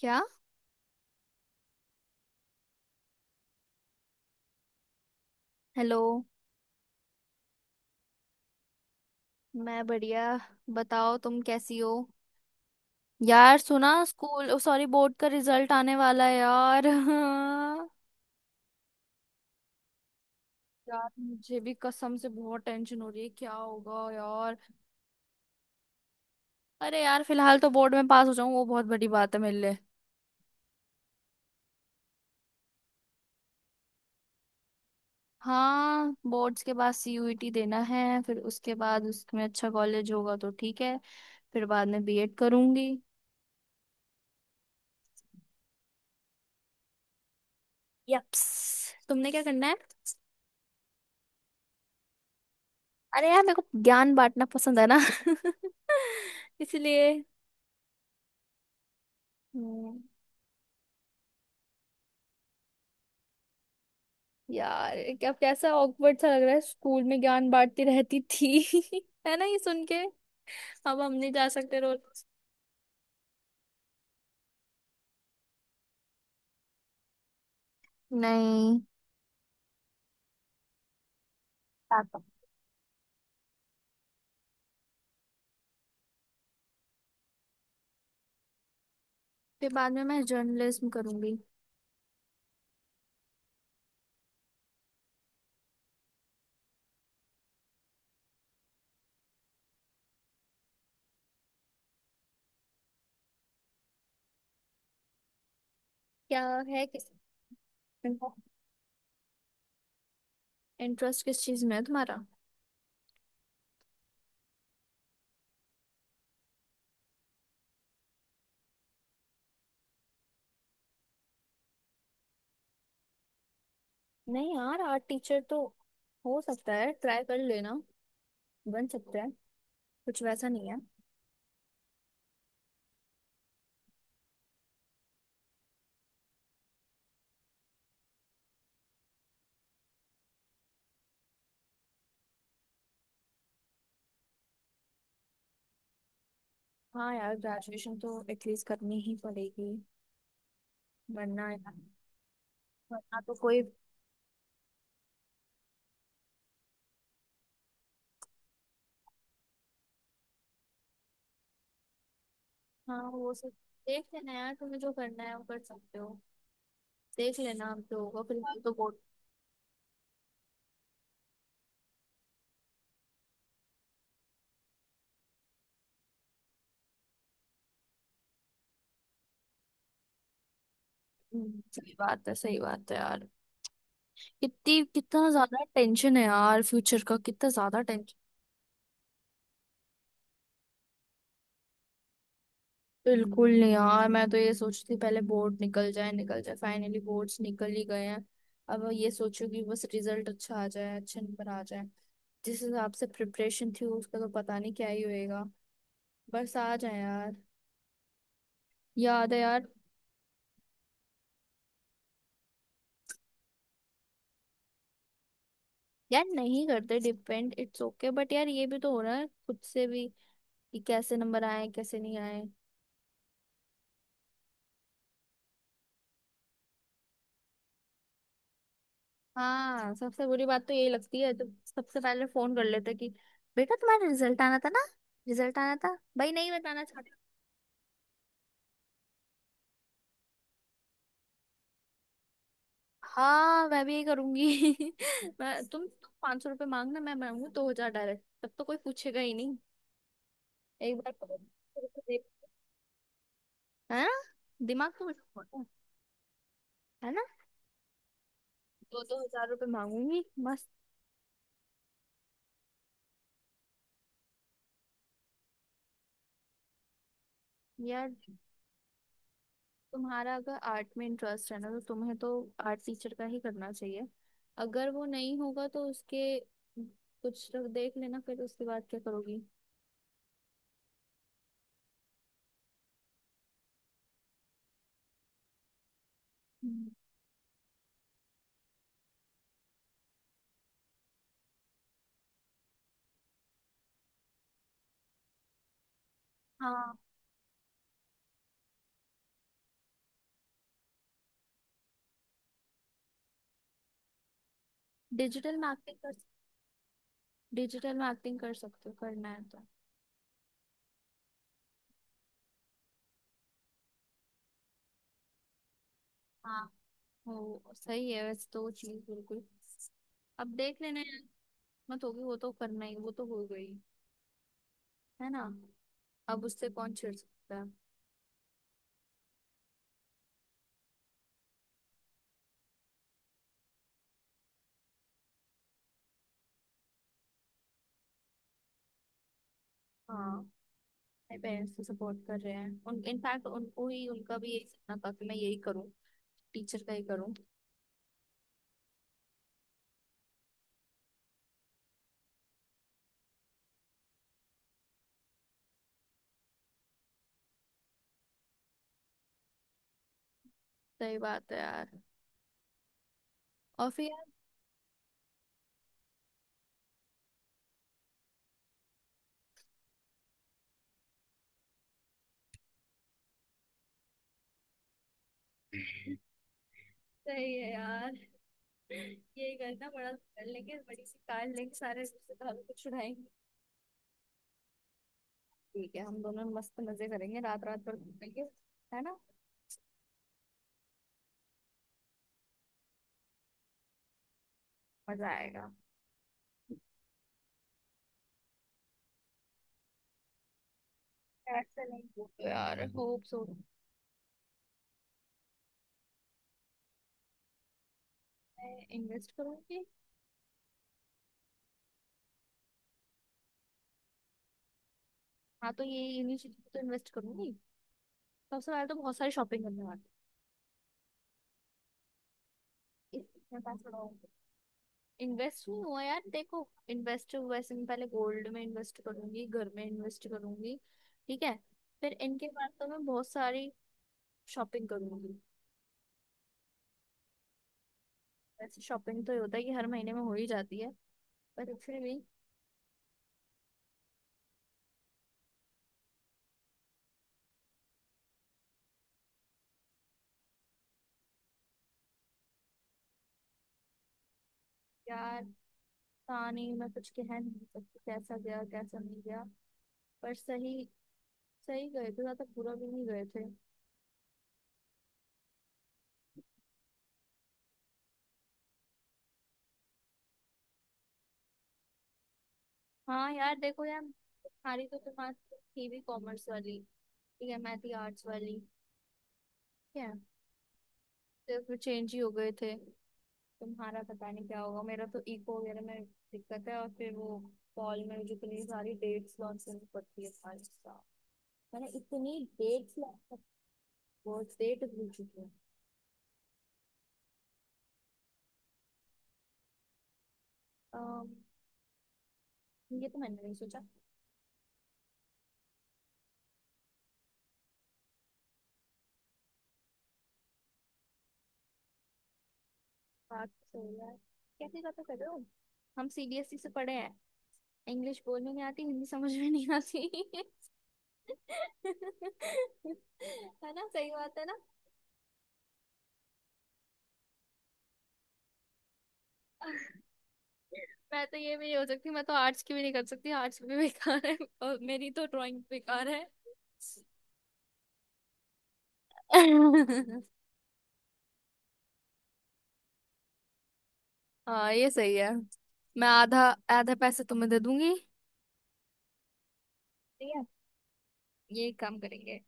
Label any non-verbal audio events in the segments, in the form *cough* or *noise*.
क्या? हेलो। मैं बढ़िया। बताओ तुम कैसी हो। यार सुना स्कूल ओ सॉरी बोर्ड का रिजल्ट आने वाला है यार। *laughs* यार मुझे भी कसम से बहुत टेंशन हो रही है, क्या होगा यार। अरे यार फिलहाल तो बोर्ड में पास हो जाऊं वो बहुत बड़ी बात है मेरे लिए। हाँ, बोर्ड्स के बाद सीयूईटी देना है, फिर उसके बाद उसमें अच्छा कॉलेज होगा तो ठीक है। फिर बाद में बीएड करूंगी। यप्स। तुमने क्या करना है? अरे यार मेरे को ज्ञान बांटना पसंद है ना। *laughs* इसलिए। हम्म। यार क्या कैसा ऑकवर्ड सा लग रहा है, स्कूल में ज्ञान बांटती रहती थी। *laughs* है ना ये सुन के। अब हम नहीं जा सकते रोज। नहीं। हाँ। फिर बाद में मैं जर्नलिज्म करूंगी। क्या? है किस इंटरेस्ट किस चीज में है तुम्हारा? नहीं यार, आर्ट टीचर तो हो सकता है, ट्राई कर लेना, बन सकता है, कुछ वैसा नहीं है। हाँ यार, ग्रेजुएशन तो एटलीस्ट करनी ही पड़ेगी, वरना यार, वरना तो कोई। हाँ वो सब, देख लेना यार तुम्हें जो करना है वो कर सकते हो। देख लेना आप, जो होगा। फिलहाल तो बहुत। सही बात है, सही बात है यार। कितनी कितना ज्यादा टेंशन है यार, फ्यूचर का कितना ज्यादा टेंशन। बिल्कुल नहीं यार, मैं तो ये सोचती थी पहले बोर्ड निकल जाए, निकल जाए, फाइनली बोर्ड्स निकल ही गए हैं। अब ये सोचो कि बस रिजल्ट अच्छा आ जाए, अच्छे नंबर आ जाए। जिस हिसाब से प्रिपरेशन थी उसका तो पता नहीं क्या ही होएगा। बस आ जाए यार। याद है यार। यार नहीं करते डिपेंड, इट्स ओके, बट यार ये भी तो हो रहा है खुद से भी, कि कैसे नंबर आए कैसे नहीं आए। हाँ, सबसे बुरी बात तो यही लगती है, तो सबसे पहले फोन कर लेते कि बेटा तुम्हारा रिजल्ट आना था ना। रिजल्ट आना था भाई, नहीं बताना चाहते। हाँ मैं भी यही करूंगी। *laughs* मैं तुम, ₹500 मांगना, मैं मांगू 2,000 डायरेक्ट, तब तो कोई पूछेगा ही नहीं। एक बार पकड़ के देख- है ना? दिमाग तो मेरा बहुत है। है ना। दो दो हजार रुपये मांगूंगी, मस्त। यार तुम्हारा अगर आर्ट में इंटरेस्ट है ना, तो तुम्हें तो आर्ट टीचर का ही करना चाहिए। अगर वो नहीं होगा तो उसके, कुछ तो देख लेना फिर उसके बाद क्या करोगी। हम्म। हाँ। डिजिटल मार्केटिंग कर, डिजिटल मार्केटिंग कर सकते हो, करना है तो। हाँ वो सही है, वैसे तो वो चीज़ बिल्कुल, अब देख लेना यार, मत होगी वो तो, करना ही, वो तो हो गई। है ना? अब उससे कौन छेड़ सकता है। हाँ। मेरे पेरेंट्स तो सपोर्ट कर रहे हैं, उन इनफैक्ट उनको ही, उनका भी यही सपना था कि मैं यही करूँ, टीचर का ही करूँ। सही बात है यार, और फिर यार। सही है यार, यही करना, बड़ा कर लेंगे, बड़ी सी कार लेंगे, सारे रिश्तेदारों को छुड़ाएंगे। ठीक है, हम दोनों मस्त मजे करेंगे, रात रात भर घूमेंगे। है ना? मजा आएगा। यार चलेंगे तो यार, होप सो। मैं इन्वेस्ट करूंगी। हाँ तो ये इन्हीं चीजों पे तो इन्वेस्ट करूंगी। सबसे पहले तो बहुत सारी शॉपिंग करने वाली है, इसमें पैसा लगाऊंगी। इन्वेस्ट नहीं हुआ यार, देखो, इन्वेस्ट वैसे मैं पहले गोल्ड में इन्वेस्ट करूंगी, घर में इन्वेस्ट करूंगी, ठीक है। फिर इनके बाद तो मैं बहुत सारी शॉपिंग करूंगी। वैसे शॉपिंग तो ये होता है कि हर महीने में हो ही जाती है, पर फिर भी। यार पता नहीं, मैं कुछ कह नहीं सकती कैसा गया कैसा नहीं गया, पर सही, सही गए थे, ज्यादा बुरा भी नहीं गए थे। हाँ यार, देखो यार, तुम्हारी तो, तुम्हारी थी भी कॉमर्स वाली, ठीक है। मैं थी आर्ट्स वाली, ठीक है। तो फिर चेंज ही हो गए थे। तुम्हारा पता नहीं क्या होगा, मेरा तो इको वगैरह में दिक्कत है, और फिर वो कॉल में मुझे इतनी सारी डेट्स लॉन्च करनी पड़ती है सारी साल। मैंने इतनी डेट्स लॉन्च, बहुत डेट भूल चुकी हूँ। अम, ये तो मैंने नहीं सोचा। बात तो यार, कैसी बातें कर रहे हो। हम सीबीएसई से पढ़े हैं, इंग्लिश बोलने नहीं आती, हिंदी समझ में नहीं आती। *laughs* है ना, सही बात है ना। *laughs* मैं तो ये भी नहीं हो सकती, मैं तो आर्ट्स की भी नहीं कर सकती, आर्ट्स भी बेकार है। *laughs* और मेरी तो ड्राइंग बेकार है। *laughs* हाँ ये सही है, मैं आधा, आधा पैसे तुम्हें दे दूंगी, ठीक है, ये काम करेंगे।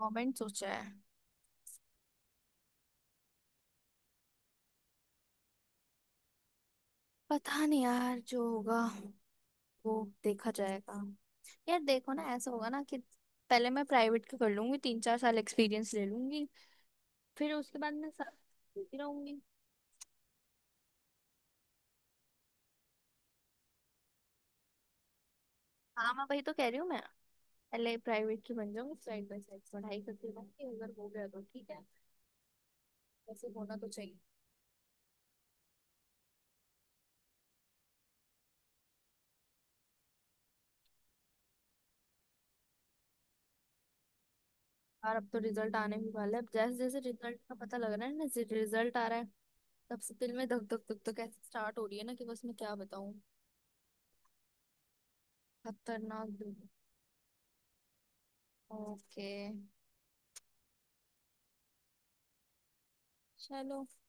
कमेंट सोचा है। पता नहीं यार, जो होगा वो देखा जाएगा। यार देखो ना, ऐसा होगा ना कि पहले मैं प्राइवेट का कर लूंगी, 3-4 साल एक्सपीरियंस ले लूंगी, फिर उसके बाद मैं सब देती रहूंगी। हाँ मैं वही तो कह रही हूँ, मैं पहले प्राइवेट की बन जाऊंगी, साइड बाय साइड पढ़ाई करती रहूंगी, अगर हो गया तो ठीक है, वैसे होना तो चाहिए। और अब तो रिजल्ट आने भी वाला है, अब जैसे जैसे रिजल्ट का पता लग रहा है ना, जैसे रिजल्ट आ रहा है, तब से दिल में धक धक धक धक ऐसे स्टार्ट हो रही है ना कि बस, मैं क्या बताऊं। खतरनाक दिल। ओके। चलो।